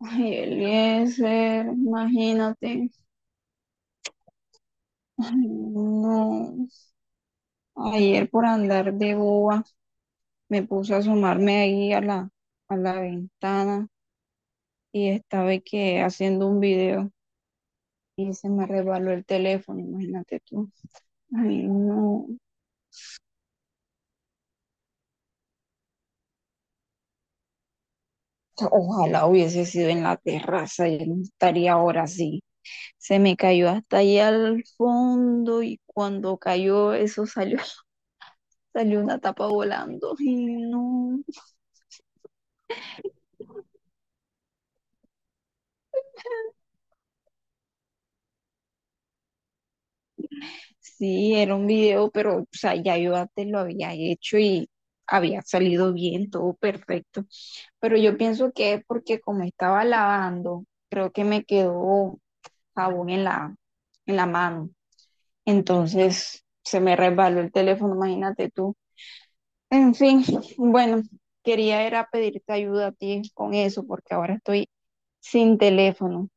Ay, Eliezer, imagínate. Ay, no. Ayer por andar de boba me puse a asomarme ahí a la ventana y estaba que haciendo un video y se me resbaló el teléfono, imagínate tú. Ay, no. Ojalá hubiese sido en la terraza, yo no estaría ahora así. Se me cayó hasta allá al fondo y cuando cayó eso salió, salió una tapa volando. Ay, no. Sí, era un video, pero o sea, ya yo antes lo había hecho y había salido bien, todo perfecto. Pero yo pienso que es porque como estaba lavando, creo que me quedó jabón en la mano. Entonces se me resbaló el teléfono, imagínate tú. En fin, bueno, quería era pedirte ayuda a ti con eso porque ahora estoy sin teléfono.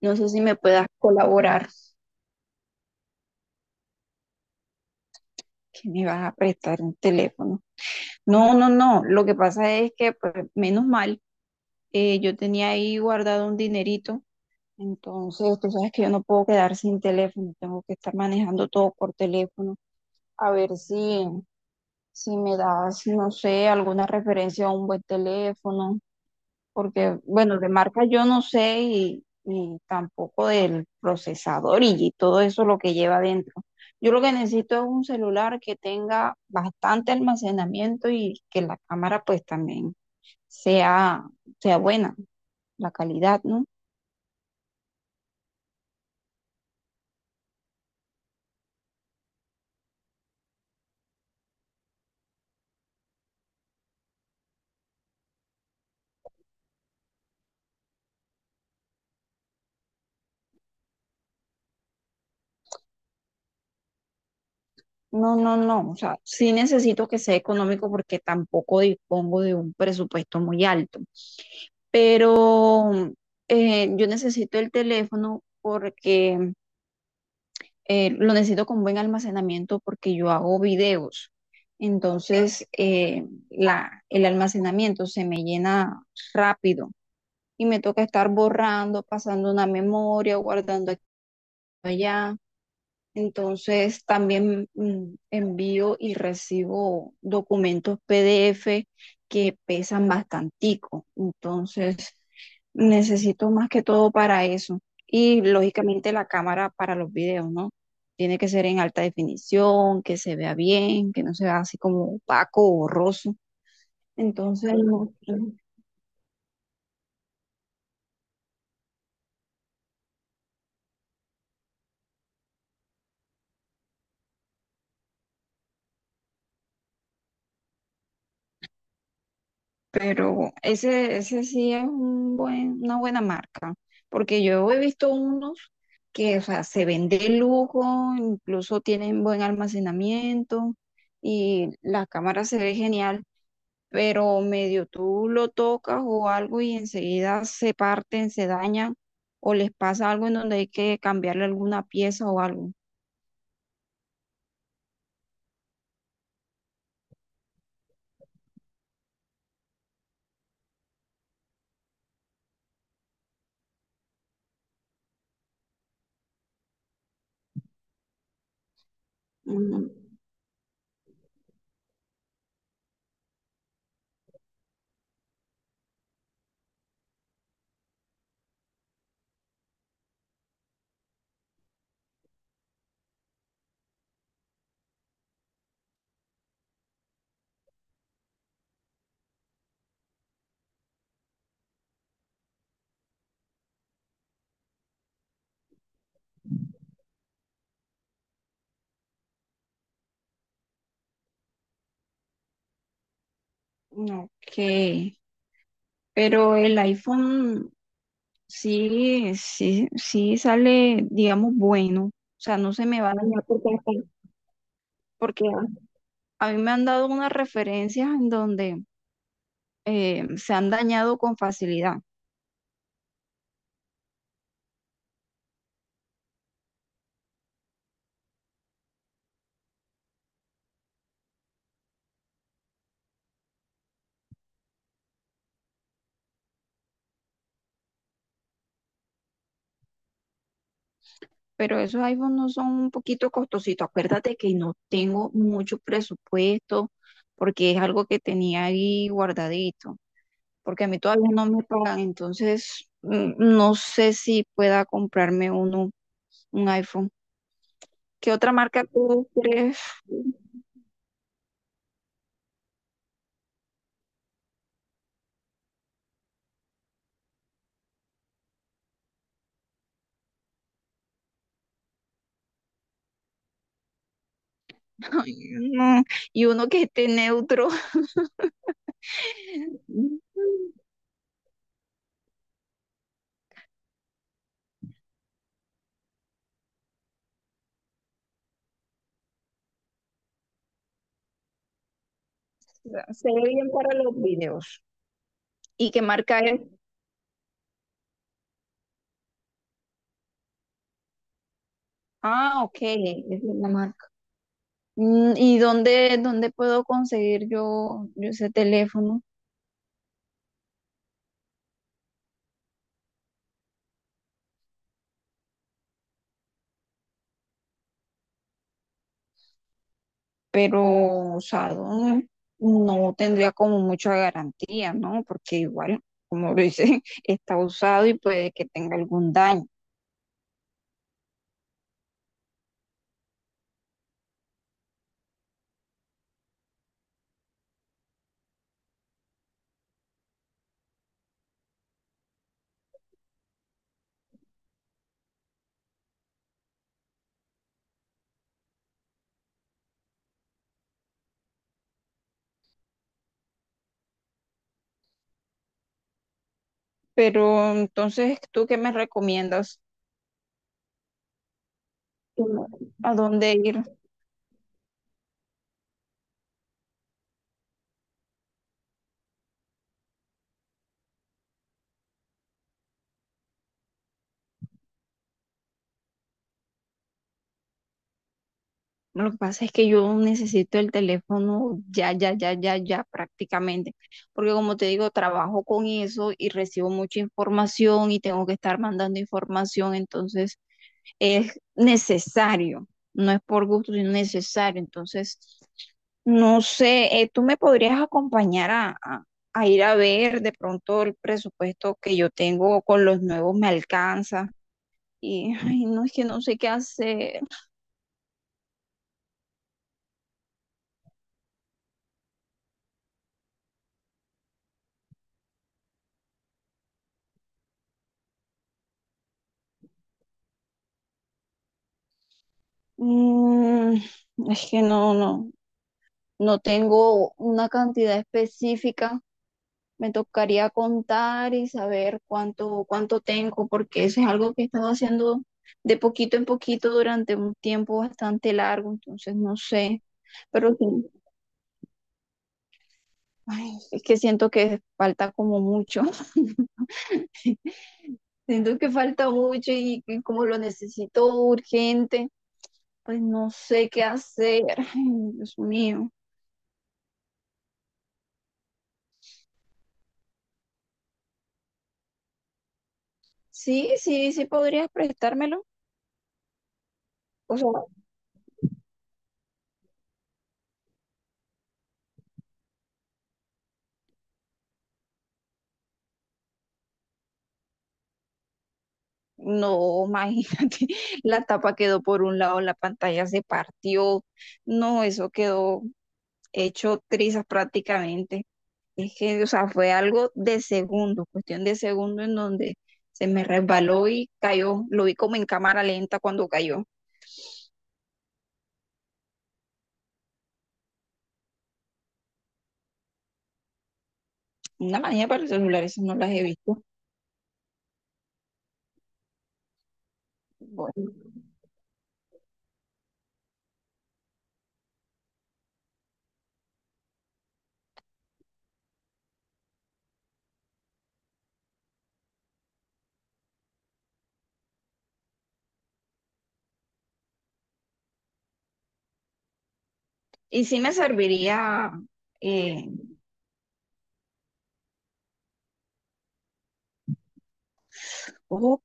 No sé si me puedas colaborar, que me vas a prestar un teléfono. No, no, no. Lo que pasa es que, pues, menos mal, yo tenía ahí guardado un dinerito. Entonces, tú sabes que yo no puedo quedar sin teléfono. Tengo que estar manejando todo por teléfono. A ver si me das, no sé, alguna referencia a un buen teléfono. Porque, bueno, de marca yo no sé y tampoco del procesador y todo eso lo que lleva adentro. Yo lo que necesito es un celular que tenga bastante almacenamiento y que la cámara pues también sea, sea buena la calidad, ¿no? No, no, no, o sea, sí necesito que sea económico porque tampoco dispongo de un presupuesto muy alto, pero yo necesito el teléfono porque lo necesito con buen almacenamiento porque yo hago videos. Entonces, el almacenamiento se me llena rápido y me toca estar borrando, pasando una memoria, guardando aquí y allá. Entonces también envío y recibo documentos PDF que pesan bastantico. Entonces necesito más que todo para eso. Y lógicamente la cámara para los videos, ¿no? Tiene que ser en alta definición, que se vea bien, que no se vea así como opaco o borroso. Entonces, no, no. Pero ese sí es un buen, una buena marca, porque yo he visto unos que, o sea, se vende de lujo, incluso tienen buen almacenamiento y la cámara se ve genial, pero medio tú lo tocas o algo y enseguida se parten, se dañan o les pasa algo en donde hay que cambiarle alguna pieza o algo. Mm, ok, pero el iPhone... Sí, sí, sí sale, digamos, bueno. O sea, no se me va a dañar porque, porque a mí me han dado unas referencias en donde se han dañado con facilidad. Pero esos iPhones no son un poquito costositos. Acuérdate que no tengo mucho presupuesto porque es algo que tenía ahí guardadito. Porque a mí todavía no me pagan. Entonces, no sé si pueda comprarme uno, un iPhone. ¿Qué otra marca tú crees? Ay, no. Y uno que esté neutro. Se ve bien para los videos. ¿Y qué marca es? Ah, ok, es la marca. Mm, ¿y dónde, dónde puedo conseguir yo ese teléfono? Pero usado no tendría como mucha garantía, ¿no? Porque igual, como lo dice, está usado y puede que tenga algún daño. Pero entonces, ¿tú qué me recomiendas? ¿Tú ¿a dónde ir? Lo que pasa es que yo necesito el teléfono ya, ya, ya, ya, ya prácticamente, porque como te digo, trabajo con eso y recibo mucha información y tengo que estar mandando información, entonces es necesario, no es por gusto, sino necesario. Entonces, no sé, tú me podrías acompañar a ir a ver de pronto el presupuesto que yo tengo con los nuevos me alcanza. Y ay, no es que no sé qué hacer. Mm, es que no, no, no tengo una cantidad específica. Me tocaría contar y saber cuánto, cuánto tengo, porque eso es algo que he estado haciendo de poquito en poquito durante un tiempo bastante largo, entonces no sé. Pero sí, ay, es que siento que falta como mucho. Siento que falta mucho y como lo necesito urgente, pues no sé qué hacer. Ay, Dios mío. Sí, sí, sí podrías prestármelo. O sea, no, imagínate, la tapa quedó por un lado, la pantalla se partió. No, eso quedó hecho trizas prácticamente. Es que, o sea, fue algo de segundo, cuestión de segundo en donde se me resbaló y cayó. Lo vi como en cámara lenta cuando cayó. Una manía para el celular, eso no las he visto. Bueno, y sí me serviría eh, Ok,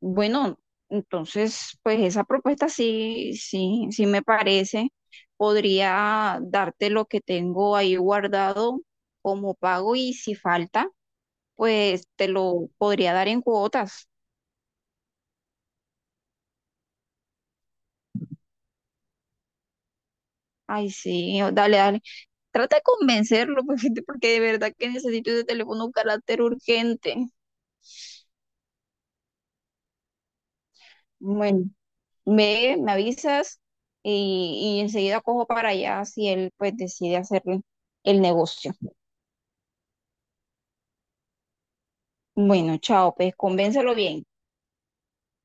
bueno, entonces, pues esa propuesta sí, sí, sí me parece. Podría darte lo que tengo ahí guardado como pago y si falta, pues te lo podría dar en cuotas. Ay, sí, o- dale, dale. Trata de convencerlo, pues, porque de verdad que necesito ese teléfono un carácter urgente. Bueno, me avisas y enseguida cojo para allá si él, pues, decide hacer el negocio. Bueno, chao, pues convéncelo bien.